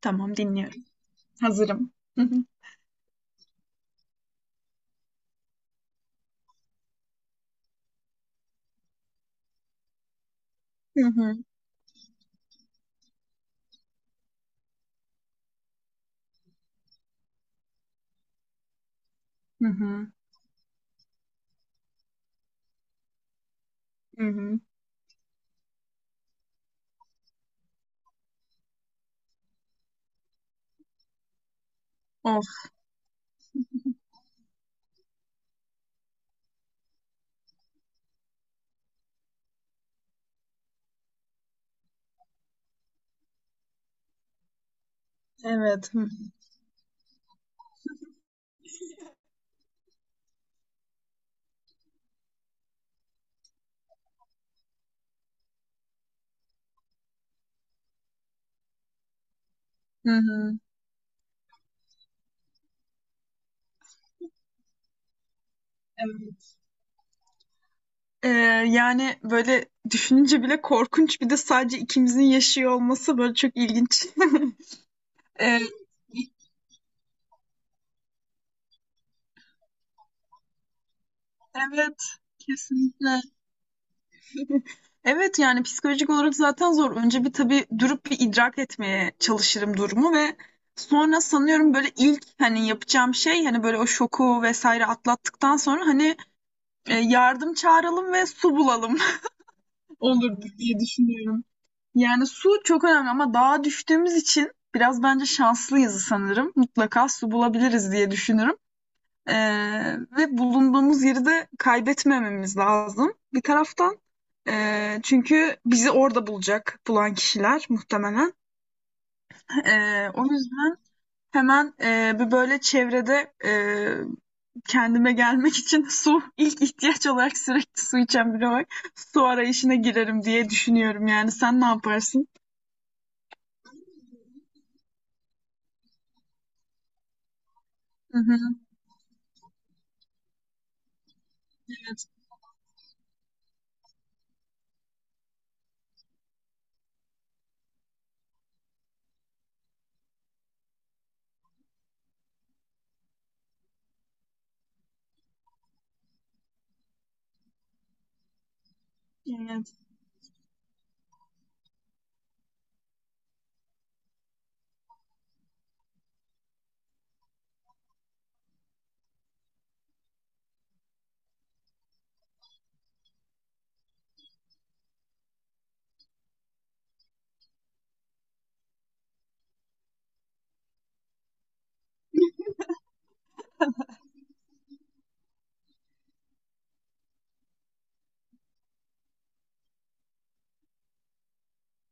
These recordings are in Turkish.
Tamam, dinliyorum. Hazırım. Hı hı. Hı hı. Hı hı. Hı hı. Of, evet. Hı hı. Hı. Evet. Ee, Yani böyle düşününce bile korkunç, bir de sadece ikimizin yaşıyor olması böyle çok ilginç. Ee, evet, kesinlikle. Evet, yani psikolojik olarak zaten zor. Önce bir tabii durup bir idrak etmeye çalışırım durumu ve sonra sanıyorum böyle ilk, hani yapacağım şey, hani böyle o şoku vesaire atlattıktan sonra, hani yardım çağıralım ve su bulalım olur, diye düşünüyorum. Yani su çok önemli ama dağa düştüğümüz için biraz bence şanslıyız sanırım. Mutlaka su bulabiliriz diye düşünürüm. Ve bulunduğumuz yeri de kaybetmememiz lazım bir taraftan. Çünkü bizi orada bulacak, bulan kişiler muhtemelen. O yüzden... Hemen bir böyle çevrede kendime gelmek için su, ilk ihtiyaç olarak, sürekli su içen biri olarak su arayışına girerim diye düşünüyorum yani. Sen ne yaparsın? Hı hı. Evet. Evet.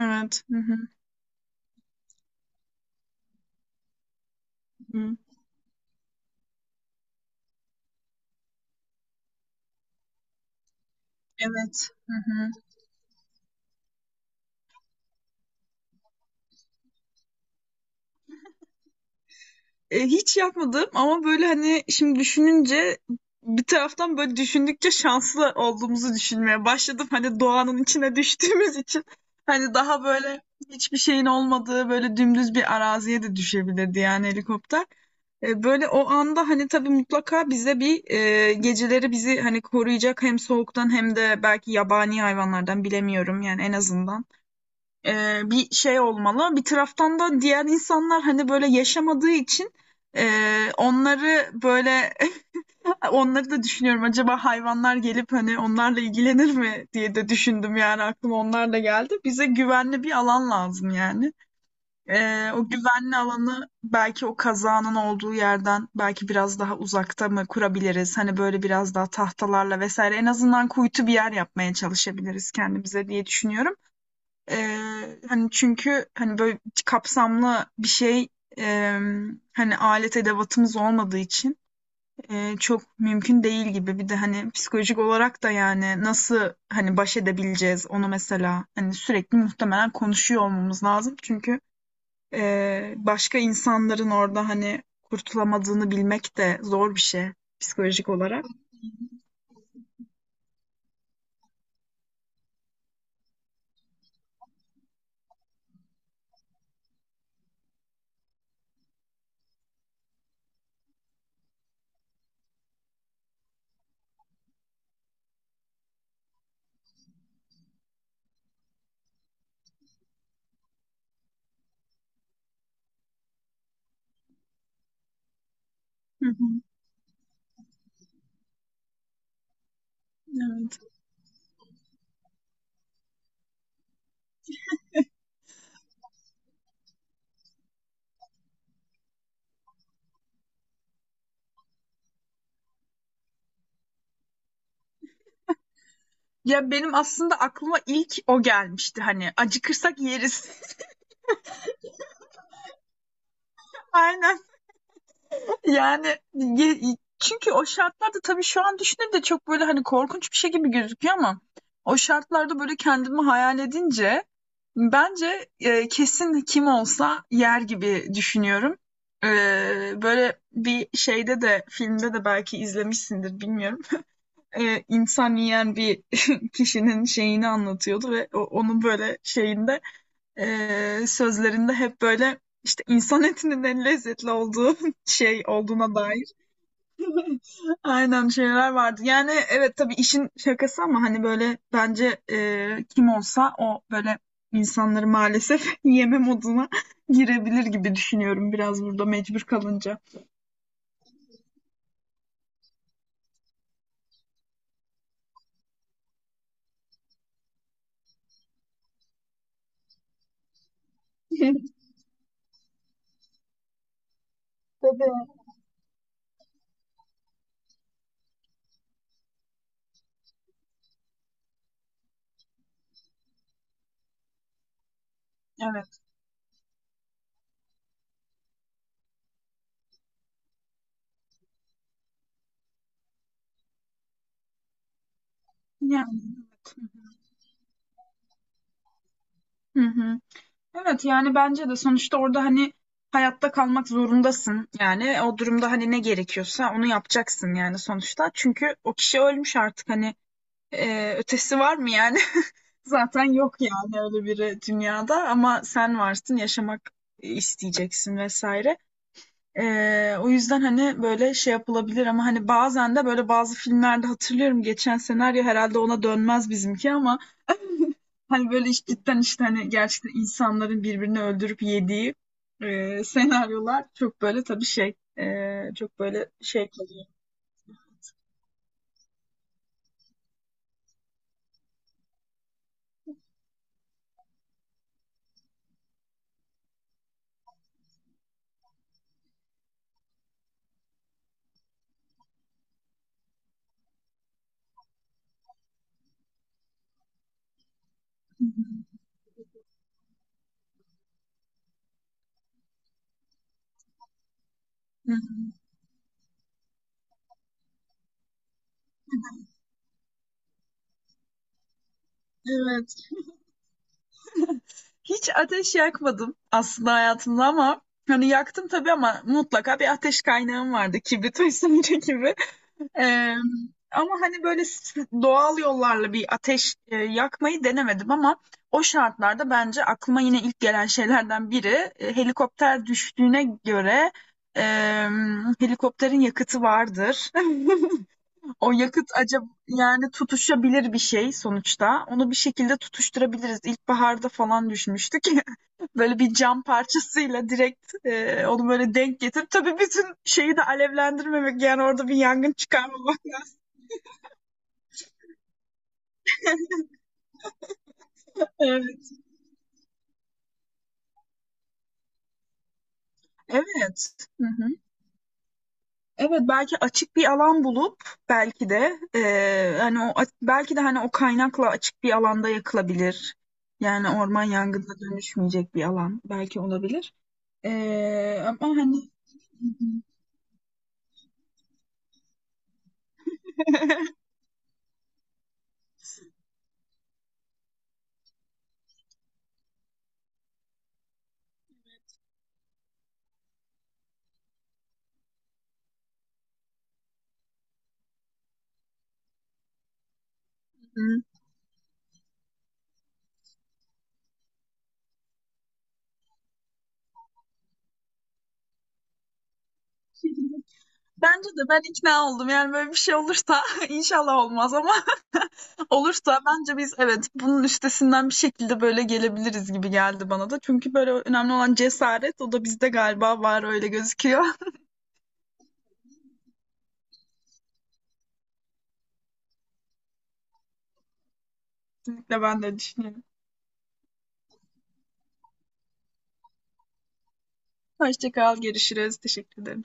Evet. Hı hı. Hı. Evet. Hı hı. Hiç yapmadım ama böyle, hani şimdi düşününce bir taraftan böyle düşündükçe şanslı olduğumuzu düşünmeye başladım. Hani doğanın içine düştüğümüz için, hani daha böyle hiçbir şeyin olmadığı böyle dümdüz bir araziye de düşebilirdi yani helikopter. Böyle o anda hani tabii mutlaka bize bir, geceleri bizi hani koruyacak hem soğuktan hem de belki yabani hayvanlardan, bilemiyorum yani, en azından bir şey olmalı. Bir taraftan da diğer insanlar hani böyle yaşamadığı için onları böyle onları da düşünüyorum. Acaba hayvanlar gelip hani onlarla ilgilenir mi diye de düşündüm yani, aklıma onlar da geldi. Bize güvenli bir alan lazım yani. O güvenli alanı belki o kazanın olduğu yerden belki biraz daha uzakta mı kurabiliriz? Hani böyle biraz daha tahtalarla vesaire en azından kuytu bir yer yapmaya çalışabiliriz kendimize diye düşünüyorum. Hani çünkü hani böyle kapsamlı bir şey, e, hani alet edevatımız olmadığı için çok mümkün değil gibi. Bir de hani psikolojik olarak da yani nasıl hani baş edebileceğiz onu mesela, hani sürekli muhtemelen konuşuyor olmamız lazım. Çünkü başka insanların orada hani kurtulamadığını bilmek de zor bir şey, psikolojik olarak. Hı hı. Evet. Ya benim aslında aklıma ilk o gelmişti, hani acıkırsak yeriz. Aynen. Yani çünkü o şartlarda, tabii şu an düşününce çok böyle hani korkunç bir şey gibi gözüküyor ama o şartlarda böyle kendimi hayal edince bence kesin kim olsa yer gibi düşünüyorum. E, Böyle bir şeyde de, filmde de belki izlemişsindir, bilmiyorum. İnsan yiyen bir kişinin şeyini anlatıyordu ve onun böyle şeyinde, sözlerinde hep böyle işte insan etinin en lezzetli olduğu şey olduğuna dair aynen şeyler vardı. Yani evet, tabii işin şakası ama hani böyle bence kim olsa o böyle insanları maalesef yeme moduna girebilir gibi düşünüyorum, biraz burada mecbur kalınca. Tabii. Evet. Yani, hı hı. Evet, yani bence de sonuçta orada hani hayatta kalmak zorundasın. Yani o durumda hani ne gerekiyorsa onu yapacaksın yani sonuçta. Çünkü o kişi ölmüş artık, hani ötesi var mı yani? Zaten yok yani, öyle biri dünyada, ama sen varsın, yaşamak isteyeceksin vesaire. O yüzden hani böyle şey yapılabilir ama hani bazen de böyle bazı filmlerde hatırlıyorum, geçen senaryo herhalde ona dönmez bizimki ama hani böyle işte, cidden işte hani gerçekten insanların birbirini öldürüp yediği senaryolar çok böyle, tabii şey, çok böyle şey kalıyor. Hı hı. Evet. Hiç ateş yakmadım aslında hayatımda ama hani yaktım tabii, ama mutlaka bir ateş kaynağım vardı. Kibrit vesaire gibi. Ee, Ama hani böyle doğal yollarla bir ateş, yakmayı denemedim ama o şartlarda bence aklıma yine ilk gelen şeylerden biri, helikopter düştüğüne göre e, helikopterin yakıtı vardır. O yakıt acaba, yani tutuşabilir bir şey sonuçta. Onu bir şekilde tutuşturabiliriz. İlkbaharda falan düşmüştük. Böyle bir cam parçasıyla direkt onu böyle denk getirip, tabii bütün şeyi de alevlendirmemek, yani orada bir yangın çıkarmamak lazım. Evet. Evet. Hı hı. Evet, belki açık bir alan bulup, belki de hani o, belki de hani o kaynakla açık bir alanda yakılabilir. Yani orman yangınına dönüşmeyecek bir alan belki olabilir. Ama hani bence de ben ikna oldum. Yani böyle bir şey olursa inşallah olmaz ama olursa bence biz, evet, bunun üstesinden bir şekilde böyle gelebiliriz gibi geldi bana da. Çünkü böyle önemli olan cesaret, o da bizde galiba var, öyle gözüküyor. Kesinlikle, ben de düşünüyorum. Hoşça kal, görüşürüz. Teşekkür ederim.